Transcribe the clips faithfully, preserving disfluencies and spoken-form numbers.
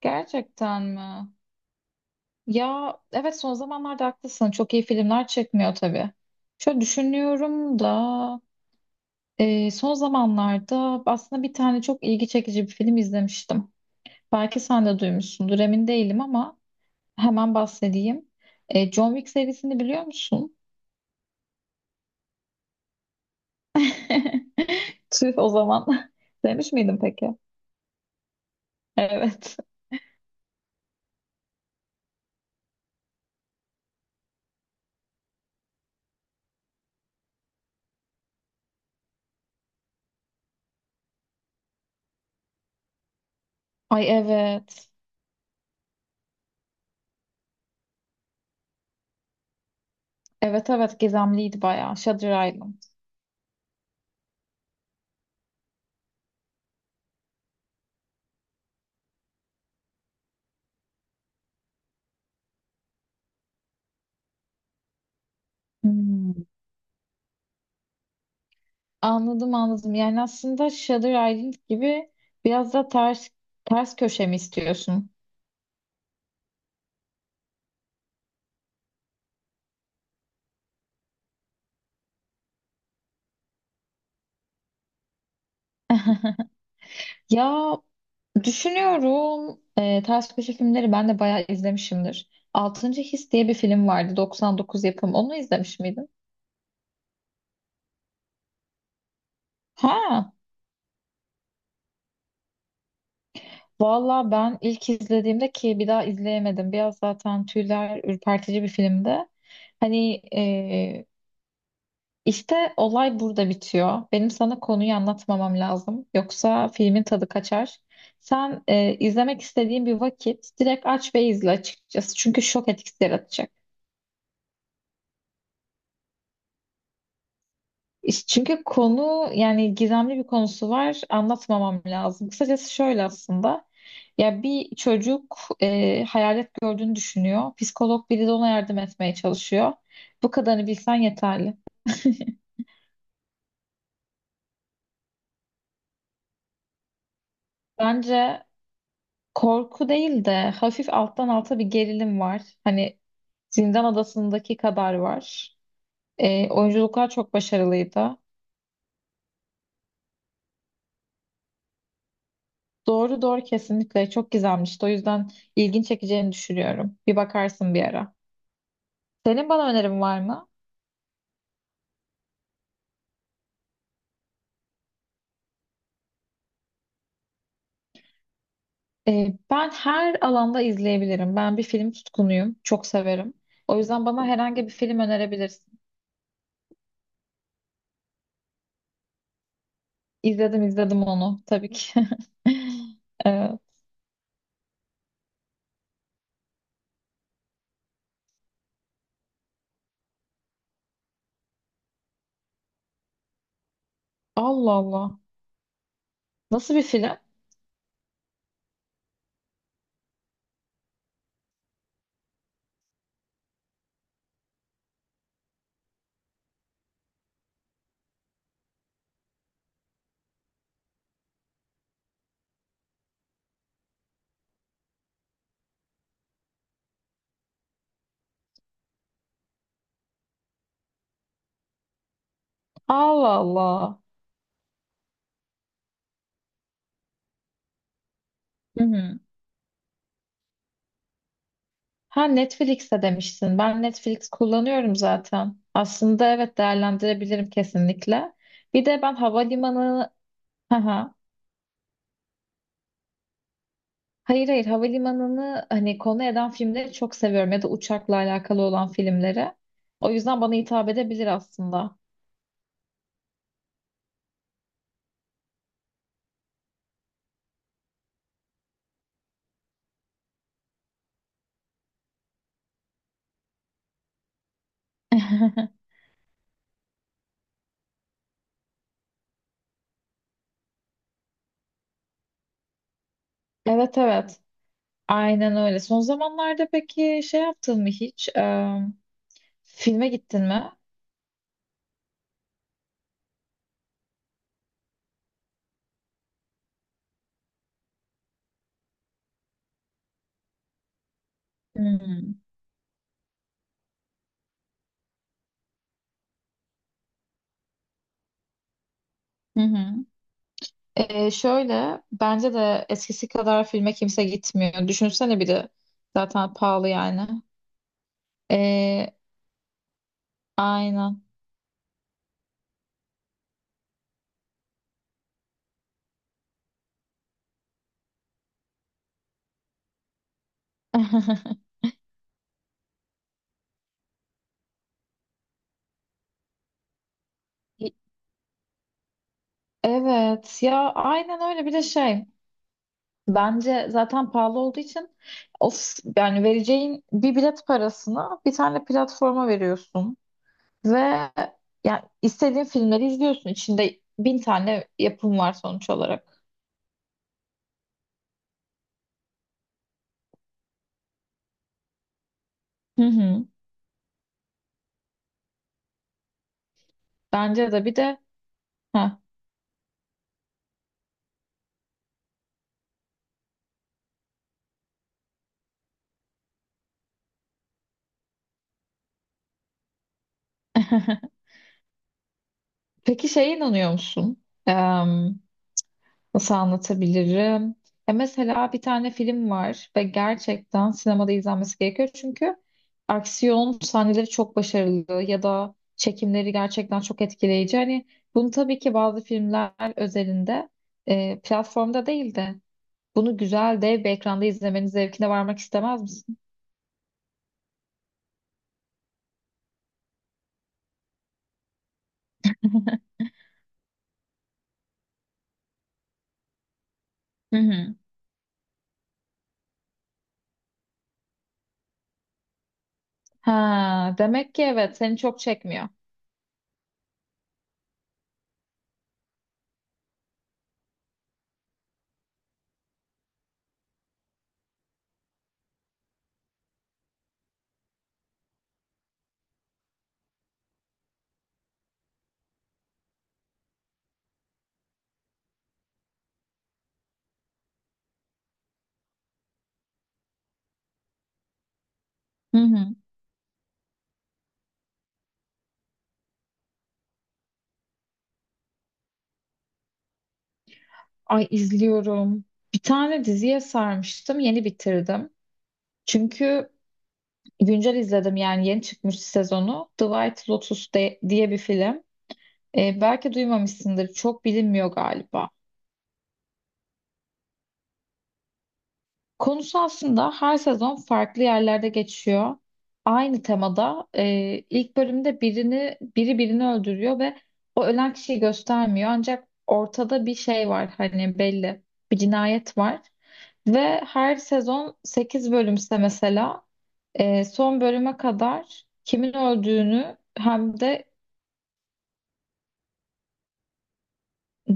Gerçekten mi? Ya evet, son zamanlarda haklısın. Çok iyi filmler çekmiyor tabii. Şöyle düşünüyorum da e, son zamanlarda aslında bir tane çok ilgi çekici bir film izlemiştim. Belki sen de duymuşsundur, emin değilim ama hemen bahsedeyim. E, John Wick serisini biliyor musun? Tüh o zaman. Demiş miydin peki? Evet. Ay evet. Evet, evet, gizemliydi bayağı. Shutter Island. Hmm. Anladım, anladım. Yani aslında Shutter Island gibi biraz da ters ters köşe mi istiyorsun? Ya düşünüyorum, e, ters köşe filmleri ben de bayağı izlemişimdir. Altıncı His diye bir film vardı, doksan dokuz yapım. Onu izlemiş miydin? Ha, valla ben ilk izlediğimde, ki bir daha izleyemedim. Biraz zaten tüyler ürpertici bir filmdi. Hani e, İşte olay burada bitiyor. Benim sana konuyu anlatmamam lazım. Yoksa filmin tadı kaçar. Sen e, izlemek istediğin bir vakit direkt aç ve izle açıkçası. Çünkü şok etkisi yaratacak. İş- Çünkü konu, yani gizemli bir konusu var. Anlatmamam lazım. Kısacası şöyle aslında. Ya bir çocuk e, hayalet gördüğünü düşünüyor. Psikolog biri de ona yardım etmeye çalışıyor. Bu kadarını bilsen yeterli. Bence korku değil de hafif alttan alta bir gerilim var. Hani Zindan Adası'ndaki kadar var. Ee, oyunculuklar çok başarılıydı. Doğru, doğru, kesinlikle çok güzelmişti. O yüzden ilgin çekeceğini düşünüyorum. Bir bakarsın bir ara. Senin bana önerin var mı? Ee, ben her alanda izleyebilirim. Ben bir film tutkunuyum. Çok severim. O yüzden bana herhangi bir film önerebilirsin. İzledim, izledim onu tabii ki. Ee, Allah Allah. Nasıl bir film? Allah Allah. Hı hı. Ha, Netflix'te demiştin. Ben Netflix kullanıyorum zaten. Aslında evet, değerlendirebilirim kesinlikle. Bir de ben havalimanı, ha, hayır, hayır, havalimanını hani konu eden filmleri çok seviyorum ya da uçakla alakalı olan filmleri. O yüzden bana hitap edebilir aslında. Evet, evet. Aynen öyle. Son zamanlarda peki şey yaptın mı hiç? Eee, filme gittin mi? Hmm. Hı hı. Ee, şöyle bence de eskisi kadar filme kimse gitmiyor. Düşünsene, bir de zaten pahalı yani. Ee, aynen. Evet ya, aynen öyle, bir de şey. Bence zaten pahalı olduğu için, of, yani vereceğin bir bilet parasını bir tane platforma veriyorsun. Ve yani istediğin filmleri izliyorsun. İçinde bin tane yapım var sonuç olarak. Hı hı. Bence de, bir de ha. Peki şeye inanıyor musun? Em, nasıl anlatabilirim? Ya mesela bir tane film var ve gerçekten sinemada izlenmesi gerekiyor. Çünkü aksiyon sahneleri çok başarılı ya da çekimleri gerçekten çok etkileyici. Hani bunu tabii ki bazı filmler özelinde e, platformda değildi. Bunu güzel, dev bir ekranda izlemenin zevkine varmak istemez misin? Hı hı. Ha, demek ki evet, seni çok çekmiyor. Hı hı. Ay, izliyorum. Bir tane diziye sarmıştım, yeni bitirdim. Çünkü güncel izledim, yani yeni çıkmış sezonu. The White Lotus de- diye bir film. Ee, belki duymamışsındır. Çok bilinmiyor galiba. Konusu aslında her sezon farklı yerlerde geçiyor. Aynı temada e, ilk bölümde birini biri birini öldürüyor ve o ölen kişiyi göstermiyor. Ancak ortada bir şey var, hani belli, bir cinayet var. Ve her sezon sekiz bölümse mesela e, son bölüme kadar kimin öldüğünü hem de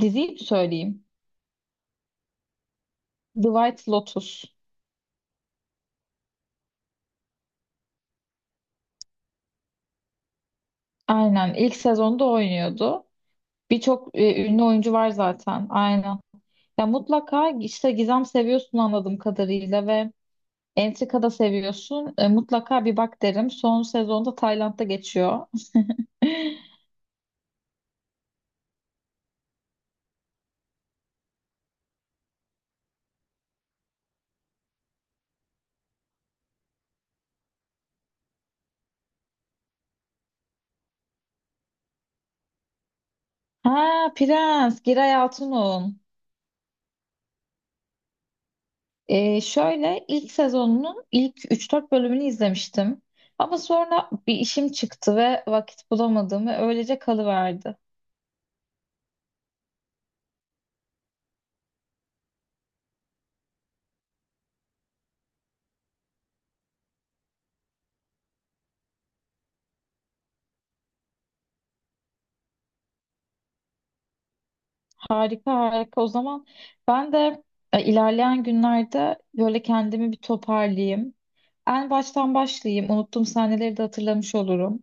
diziyi mi söyleyeyim? The White Lotus. Aynen, ilk sezonda oynuyordu. Birçok e, ünlü oyuncu var zaten. Aynen. Ya mutlaka işte gizem seviyorsun anladığım kadarıyla ve entrika da seviyorsun. E, mutlaka bir bak derim. Son sezonda Tayland'da geçiyor. Ha, Prens, Giray Altun'un. Ee, şöyle ilk sezonunun ilk üç dört bölümünü izlemiştim. Ama sonra bir işim çıktı ve vakit bulamadım ve öylece kalıverdi. Harika, harika. O zaman ben de e, ilerleyen günlerde böyle kendimi bir toparlayayım. En baştan başlayayım. Unuttuğum sahneleri de hatırlamış olurum.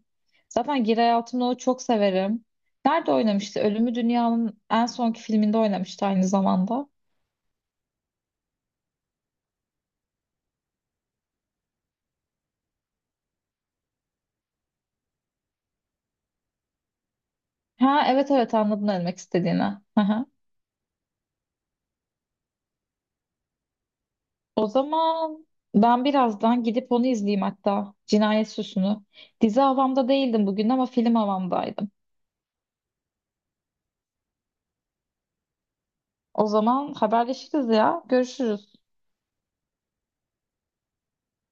Zaten Giray Altınok'u çok severim. Nerede oynamıştı? Ölümü Dünya'nın en sonki filminde oynamıştı aynı zamanda. Ha evet, evet, anladım ne demek istediğini. Hı hı. O zaman ben birazdan gidip onu izleyeyim hatta. Cinayet Süsü'nü. Dizi havamda değildim bugün ama film havamdaydım. O zaman haberleşiriz ya. Görüşürüz.